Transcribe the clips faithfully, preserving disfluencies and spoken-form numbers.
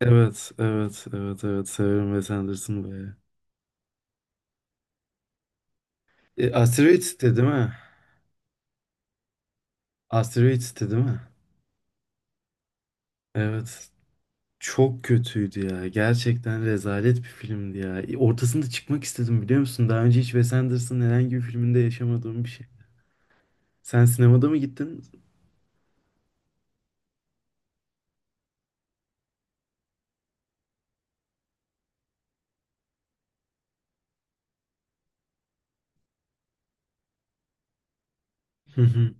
Evet, evet, evet, evet. Severim Wes Anderson be. E, Asteroids'ti değil mi? Asteroids'ti değil mi? Evet. Çok kötüydü ya. Gerçekten rezalet bir filmdi ya. E, Ortasında çıkmak istedim biliyor musun? Daha önce hiç Wes Anderson'ın herhangi bir filminde yaşamadığım bir şey. Sen sinemada mı gittin? Hı hı.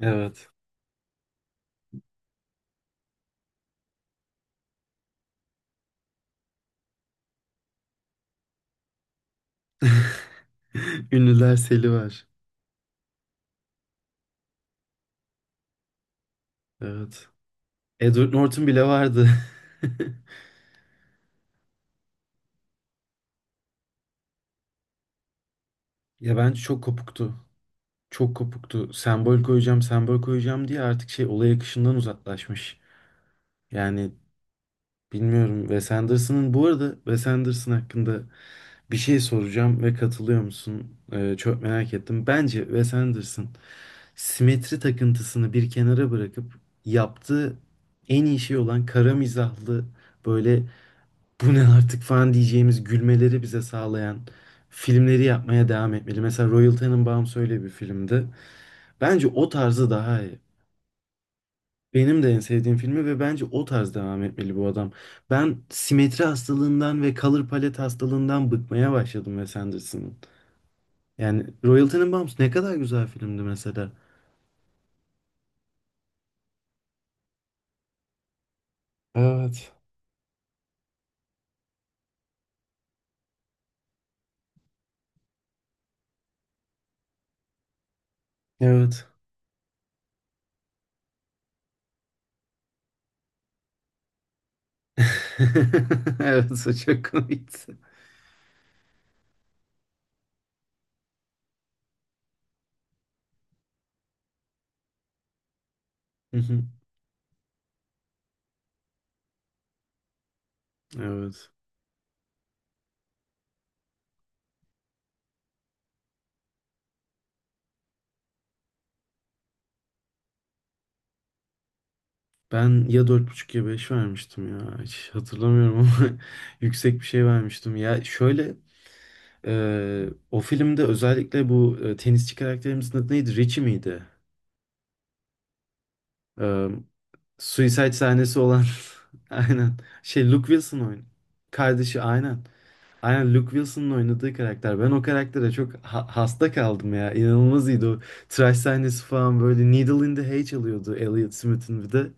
Evet. Ünlüler seli var. Evet. Edward Norton bile vardı. Ya bence çok kopuktu. Çok kopuktu. Sembol koyacağım, sembol koyacağım diye artık şey olay akışından uzaklaşmış. Yani bilmiyorum. Wes Anderson'ın bu arada Wes Anderson hakkında bir şey soracağım ve katılıyor musun? Ee, çok merak ettim. Bence Wes Anderson simetri takıntısını bir kenara bırakıp yaptığı en iyi şey olan kara mizahlı böyle bu ne artık falan diyeceğimiz gülmeleri bize sağlayan filmleri yapmaya devam etmeli. Mesela Royal Tenenbaums öyle bir filmdi. Bence o tarzı daha iyi. Benim de en sevdiğim filmi ve bence o tarz devam etmeli bu adam. Ben simetri hastalığından ve color palette hastalığından bıkmaya başladım Wes Anderson'ın. Yani Royal Tenenbaums ne kadar güzel filmdi mesela. Evet. Evet. Evet, o çok komikti. Hı hı, evet. Ben ya dört buçuk ya beş vermiştim ya. Hiç hatırlamıyorum ama yüksek bir şey vermiştim. Ya şöyle e, o filmde özellikle bu e, tenisçi karakterimizin adı neydi? Richie miydi? E, Suicide sahnesi olan aynen. Şey Luke Wilson oynadı. Kardeşi aynen. Aynen Luke Wilson'ın oynadığı karakter. Ben o karaktere çok ha- hasta kaldım ya. İnanılmaz iyiydi o. Tıraş sahnesi falan böyle Needle in the Hay çalıyordu Elliot Smith'in bir de.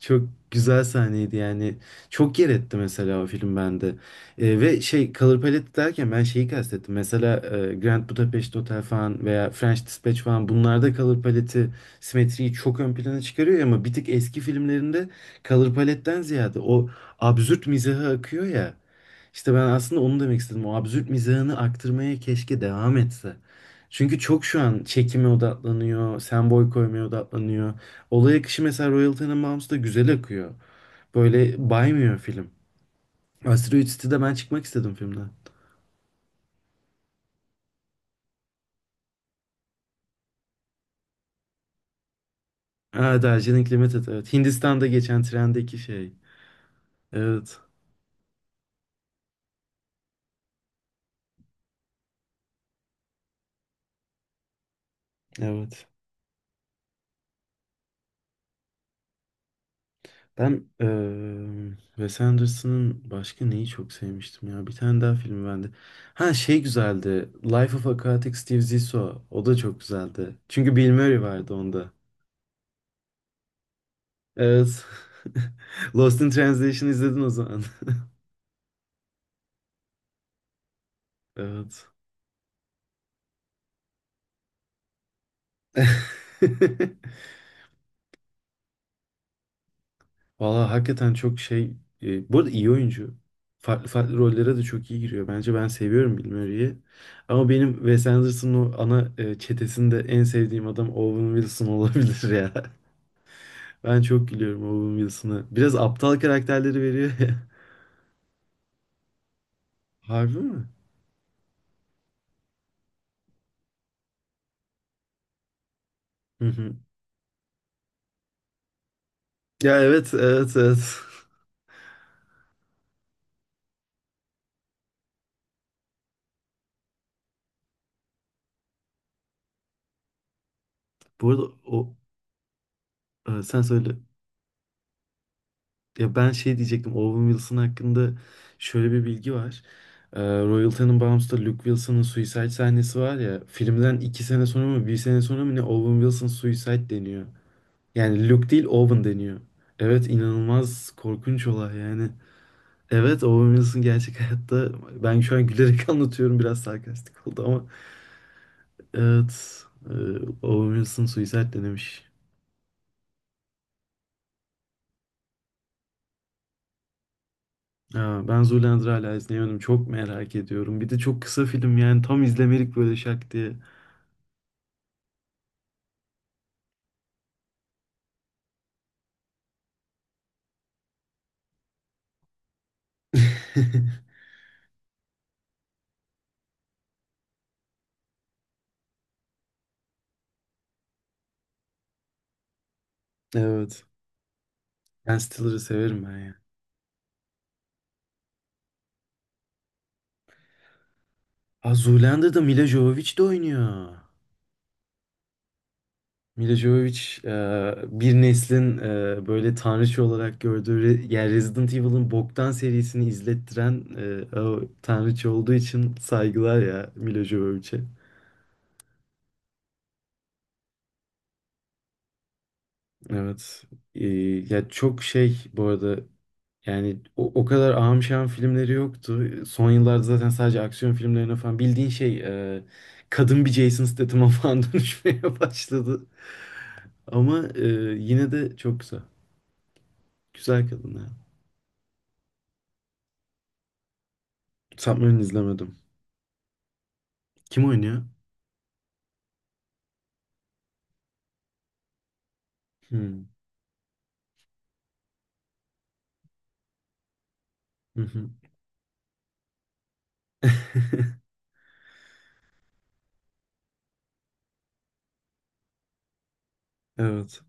Çok güzel sahneydi yani. Çok yer etti mesela o film bende. E, ve şey Color Palette derken ben şeyi kastettim. Mesela e, Grand Budapest Hotel falan veya French Dispatch falan bunlarda Color Palette'i, simetriyi çok ön plana çıkarıyor ama bir tık eski filmlerinde Color Palette'den ziyade o absürt mizahı akıyor ya. İşte ben aslında onu demek istedim. O absürt mizahını aktarmaya keşke devam etse. Çünkü çok şu an çekime odaklanıyor, sembol koymaya odaklanıyor. Olay akışı mesela Royal Tenenbaums'da güzel akıyor. Böyle baymıyor film. Asteroid City'de ben çıkmak istedim filmden. Aa, Darjeeling Limited evet. Hindistan'da geçen trendeki şey. Evet. Evet. Ben eee Wes Anderson'ın başka neyi çok sevmiştim ya. Bir tane daha film bende. Ha şey güzeldi. Life of Aquatic Steve Zissou. O da çok güzeldi. Çünkü Bill Murray vardı onda. Evet. Lost in Translation izledin o zaman. Evet. Valla hakikaten çok şey. E, bu arada iyi oyuncu. Farklı farklı rollere de çok iyi giriyor. Bence ben seviyorum Bill Murray'i. Ama benim Wes Anderson'ın o ana e, çetesinde en sevdiğim adam Owen Wilson olabilir ya. Ben çok gülüyorum Owen Wilson'a. Biraz aptal karakterleri veriyor ya. Harbi mi? Hı hı. Ya evet evet evet. Bu arada o e, sen söyle. Ya ben şey diyecektim. Owen Wilson hakkında şöyle bir bilgi var. Ee, Royal Tenenbaums'ta Luke Wilson'ın suicide sahnesi var ya. Filmden iki sene sonra mı bir sene sonra mı ne Owen Wilson suicide deniyor. Yani Luke değil Owen deniyor. Evet, inanılmaz korkunç olay yani. Evet, Owen Wilson gerçek hayatta ben şu an gülerek anlatıyorum biraz sarkastik oldu ama evet e, Owen Wilson suicide denemiş. Ya ben Zoolander'ı hala izleyemedim. Çok merak ediyorum. Bir de çok kısa film yani tam izlemelik böyle şak diye. Evet. Ben Stiller'ı severim ben ya. Ha Zoolander'da Mila Jovovich de oynuyor. Mila Jovovich e, bir neslin e, böyle tanrıçı olarak gördüğü re- yani Resident Evil'ın boktan serisini izlettiren e, o tanrıçı olduğu için saygılar ya Mila Jovovich'e. Evet. E, Ya çok şey bu arada. Yani o, o kadar ahım şahım filmleri yoktu. Son yıllarda zaten sadece aksiyon filmlerine falan bildiğin şey e, kadın bir Jason Statham'a falan dönüşmeye başladı. Ama e, yine de çok güzel. Güzel kadın ya. Submarine izlemedim. Kim oynuyor? Hmm. Hı hı. Evet.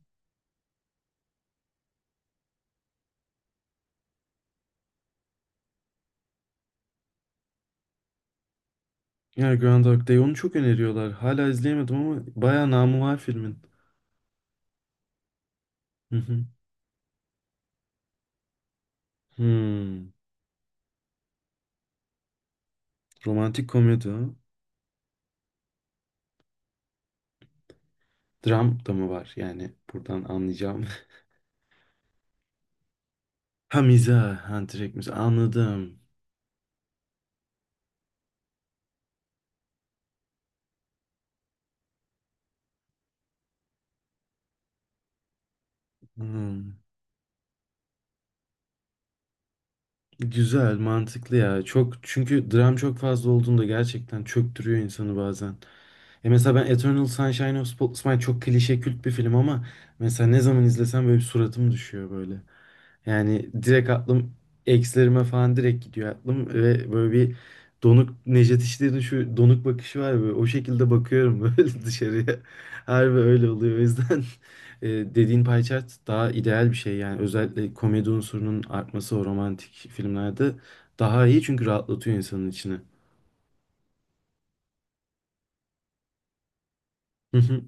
Ya Groundhog Day onu çok öneriyorlar. Hala izleyemedim ama bayağı namı var filmin. Hı hı. Hmm. Romantik komedi, ha. Dram da mı var? Yani buradan anlayacağım. Ha mizah, ha direkt mizah. Anladım. Hmm. Güzel, mantıklı ya. Çok çünkü dram çok fazla olduğunda gerçekten çöktürüyor insanı bazen. E mesela ben Eternal Sunshine of Spotless Mind çok klişe kült bir film ama mesela ne zaman izlesem böyle bir suratım düşüyor böyle. Yani direkt aklım ekslerime falan direkt gidiyor aklım ve böyle bir donuk Necdet İşler'in şu donuk bakışı var ya, böyle o şekilde bakıyorum böyle dışarıya. Harbi öyle oluyor. O yüzden e, dediğin pie chart daha ideal bir şey yani özellikle komedi unsurunun artması o romantik filmlerde daha iyi çünkü rahatlatıyor insanın içini. Hı hı.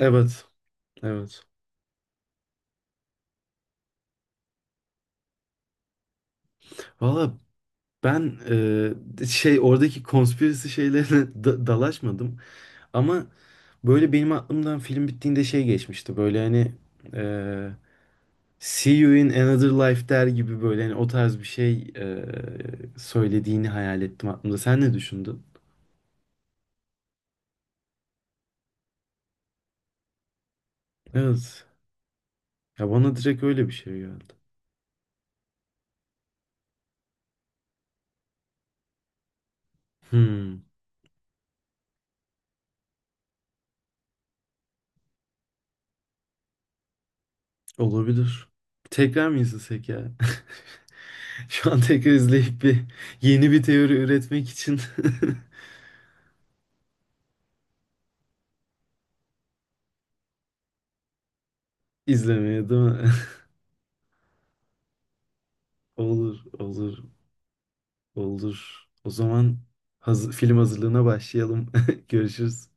Evet, evet. Valla ben e, şey oradaki konspirasi şeylerine da- dalaşmadım. Ama böyle benim aklımdan film bittiğinde şey geçmişti. Böyle hani eee See You in Another Life der gibi böyle hani o tarz bir şey eee, söylediğini hayal ettim aklımda. Sen ne düşündün? Evet. Ya bana direkt öyle bir şey geldi. Hmm, olabilir. Tekrar mı izlesek ya? Şu an tekrar izleyip bir yeni bir teori üretmek için izlemeye değil mi? Olur, olur, olur. O zaman hazır, film hazırlığına başlayalım. Görüşürüz.